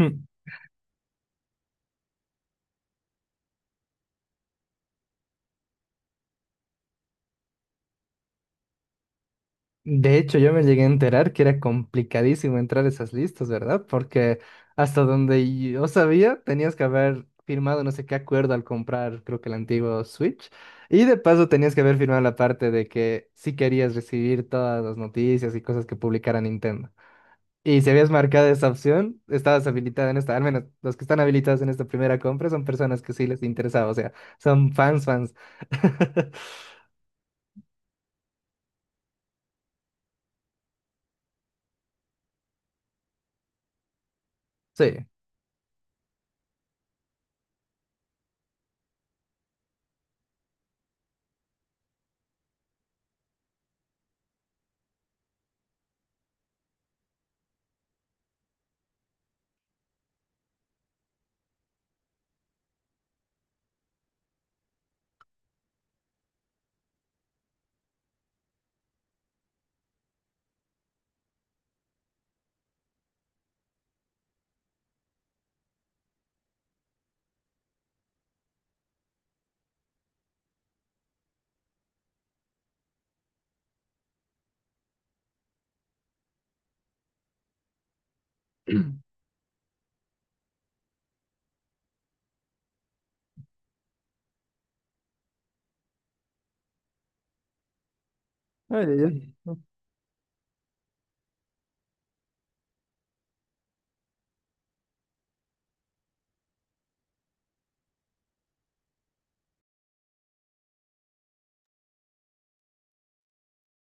Mm, De hecho, yo me llegué a enterar que era complicadísimo entrar a esas listas, ¿verdad? Porque hasta donde yo sabía, tenías que haber firmado no sé qué acuerdo al comprar, creo que el antiguo Switch. Y de paso tenías que haber firmado la parte de que sí querías recibir todas las noticias y cosas que publicara Nintendo. Y si habías marcado esa opción, estabas habilitada en esta, al menos los que están habilitados en esta primera compra son personas que sí les interesaba, o sea, son fans, fans. Sí. Ay, ay, ay.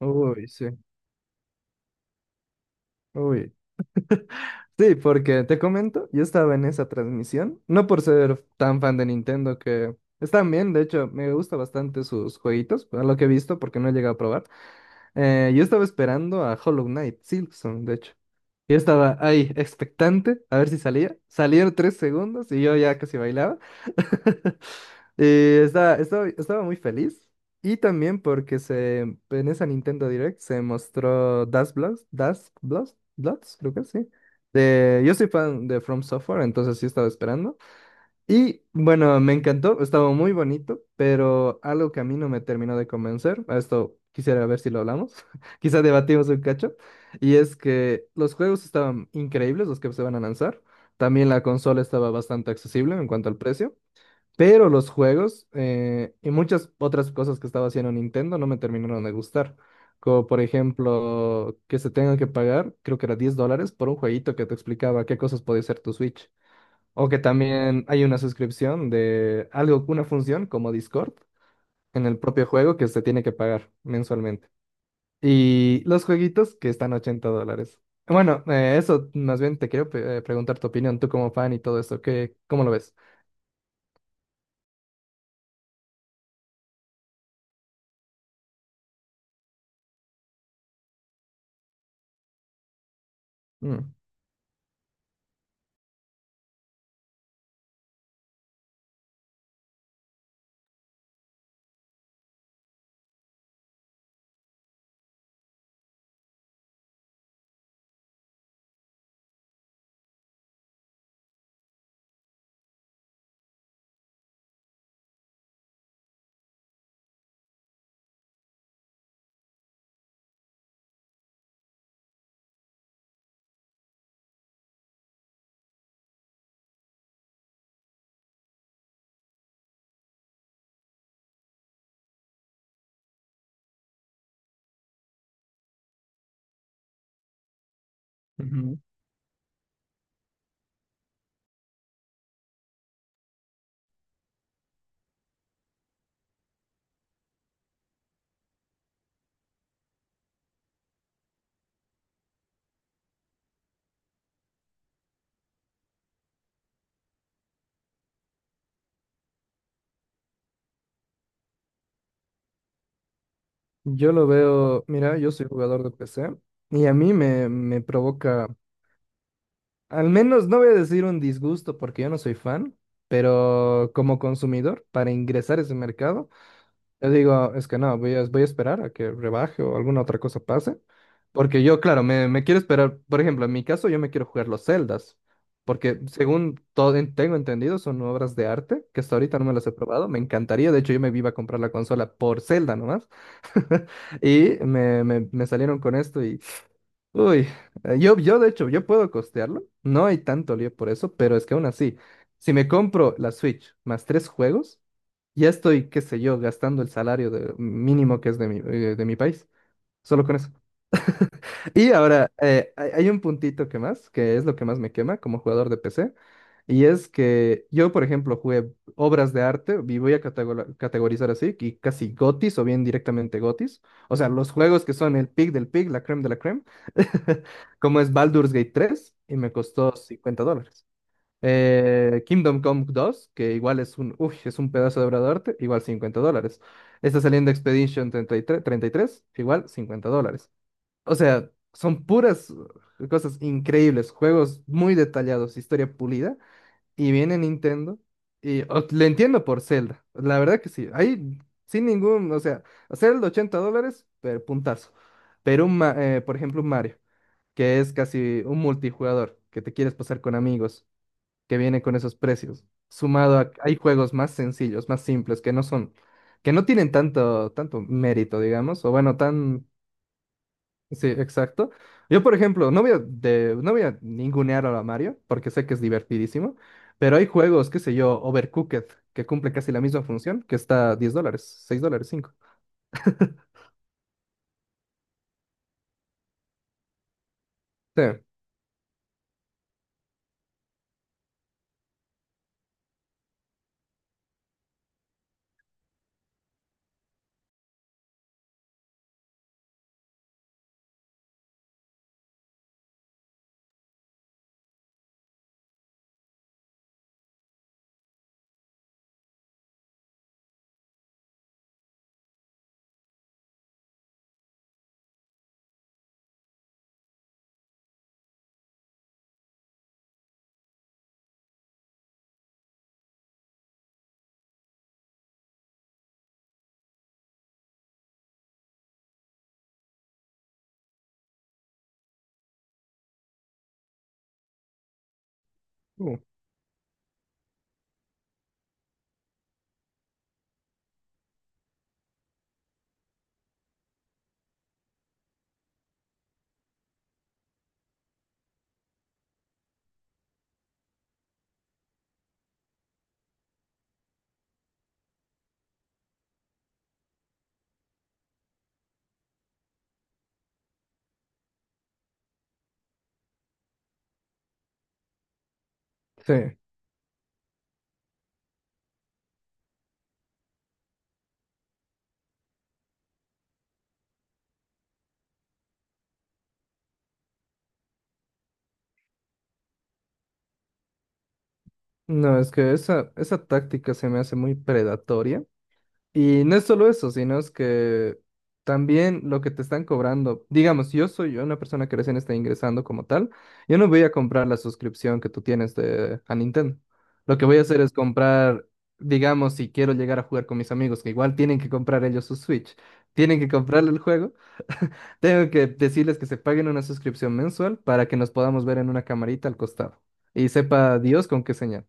Uy, sí. Uy. Sí, porque te comento, yo estaba en esa transmisión, no por ser tan fan de Nintendo, que están bien, de hecho, me gusta bastante sus jueguitos, a lo que he visto, porque no he llegado a probar. Yo estaba esperando a Hollow Knight, Silksong, de hecho. Yo estaba ahí expectante a ver si salía. Salieron 3 segundos y yo ya casi bailaba. Y estaba muy feliz. Y también porque en esa Nintendo Direct se mostró Dust Bloods, Dust Bloods, Bloods, creo que sí. Yo soy fan de From Software, entonces sí estaba esperando. Y bueno, me encantó, estaba muy bonito, pero algo que a mí no me terminó de convencer, a esto quisiera ver si lo hablamos, quizá debatimos un cacho, y es que los juegos estaban increíbles, los que se van a lanzar, también la consola estaba bastante accesible en cuanto al precio, pero los juegos y muchas otras cosas que estaba haciendo Nintendo no me terminaron de gustar, como por ejemplo que se tengan que pagar, creo que era 10 dólares por un jueguito que te explicaba qué cosas podía hacer tu Switch. O que también hay una suscripción de algo, una función como Discord en el propio juego que se tiene que pagar mensualmente. Y los jueguitos que están a 80 dólares. Bueno, eso más bien te quiero preguntar tu opinión, tú como fan y todo eso, ¿qué, cómo lo ves? Mm. Ujú. Yo lo veo, mira, yo soy jugador de PC y a mí me provoca, al menos no voy a decir un disgusto porque yo no soy fan, pero como consumidor, para ingresar a ese mercado, yo digo, es que no, voy a esperar a que rebaje o alguna otra cosa pase. Porque yo, claro, me quiero esperar. Por ejemplo, en mi caso, yo me quiero jugar los celdas porque según todo tengo entendido, son obras de arte que hasta ahorita no me las he probado. Me encantaría. De hecho, yo me iba a comprar la consola por Zelda nomás. Y me salieron con esto y. Uy, yo de hecho, yo puedo costearlo. No hay tanto lío por eso, pero es que aún así, si me compro la Switch más tres juegos. Ya estoy, qué sé yo, gastando el salario mínimo que es de mi país, solo con eso. Y ahora, hay un puntito que más, que es lo que más me quema como jugador de PC, y es que yo, por ejemplo, jugué obras de arte, y voy a categorizar así, y casi gotis o bien directamente gotis, o sea, los juegos que son el pick del pick, la creme de la creme, como es Baldur's Gate 3 y me costó 50 dólares. Kingdom Come 2, que igual es un pedazo de obra de arte, igual 50 dólares. Está saliendo Expedition 33, 33, igual 50 dólares. O sea, son puras cosas increíbles, juegos muy detallados, historia pulida, y viene Nintendo, y le entiendo por Zelda, la verdad que sí, ahí sin ningún, o sea, Zelda 80 dólares, pero puntazo. Pero por ejemplo, un Mario, que es casi un multijugador, que te quieres pasar con amigos que viene con esos precios. Sumado a, hay juegos más sencillos, más simples, que no son, que no tienen tanto, tanto mérito, digamos, o bueno, tan, sí, exacto. Yo, por ejemplo, no voy a ningunear a Mario, porque sé que es divertidísimo, pero hay juegos, qué sé yo, Overcooked, que cumple casi la misma función, que está a 10 dólares, 6 dólares, cinco. Sí, uh, sí. No, es que esa táctica se me hace muy predatoria. Y no es solo eso, sino es que también lo que te están cobrando, digamos, yo soy una persona que recién está ingresando como tal, yo no voy a comprar la suscripción que tú tienes a Nintendo. Lo que voy a hacer es comprar, digamos, si quiero llegar a jugar con mis amigos, que igual tienen que comprar ellos su Switch, tienen que comprarle el juego, tengo que decirles que se paguen una suscripción mensual para que nos podamos ver en una camarita al costado. Y sepa Dios con qué señal.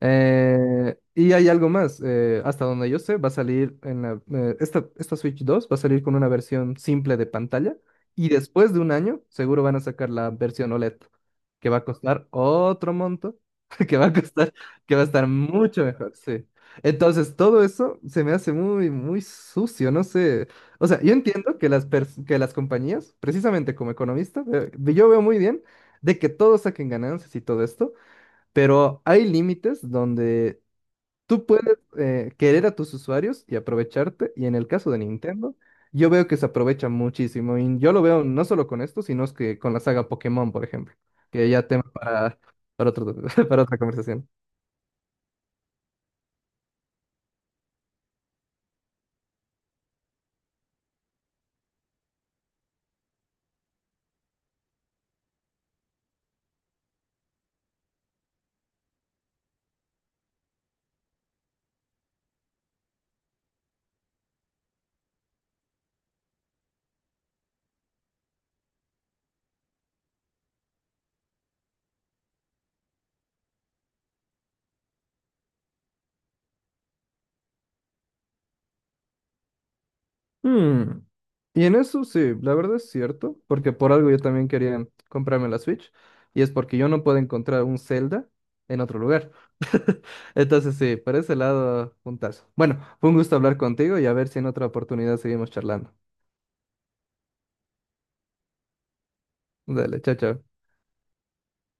Y hay algo más, hasta donde yo sé, va a salir en esta Switch 2 va a salir con una versión simple de pantalla y después de un año seguro van a sacar la versión OLED, que va a costar otro monto, que va a costar, que va a estar mucho mejor, sí. Entonces, todo eso se me hace muy, muy sucio, no sé. O sea, yo entiendo que que las compañías, precisamente como economista, yo veo muy bien de que todos saquen ganancias y todo esto. Pero hay límites donde tú puedes querer a tus usuarios y aprovecharte. Y en el caso de Nintendo, yo veo que se aprovecha muchísimo. Y yo lo veo no solo con esto, sino es que con la saga Pokémon, por ejemplo. Que ya tema para, otro- para otra conversación. Hmm. Y en eso sí, la verdad es cierto. Porque por algo yo también quería comprarme la Switch. Y es porque yo no puedo encontrar un Zelda en otro lugar. Entonces sí, por ese lado, puntazo. Bueno, fue un gusto hablar contigo y a ver si en otra oportunidad seguimos charlando. Dale, chao, chao.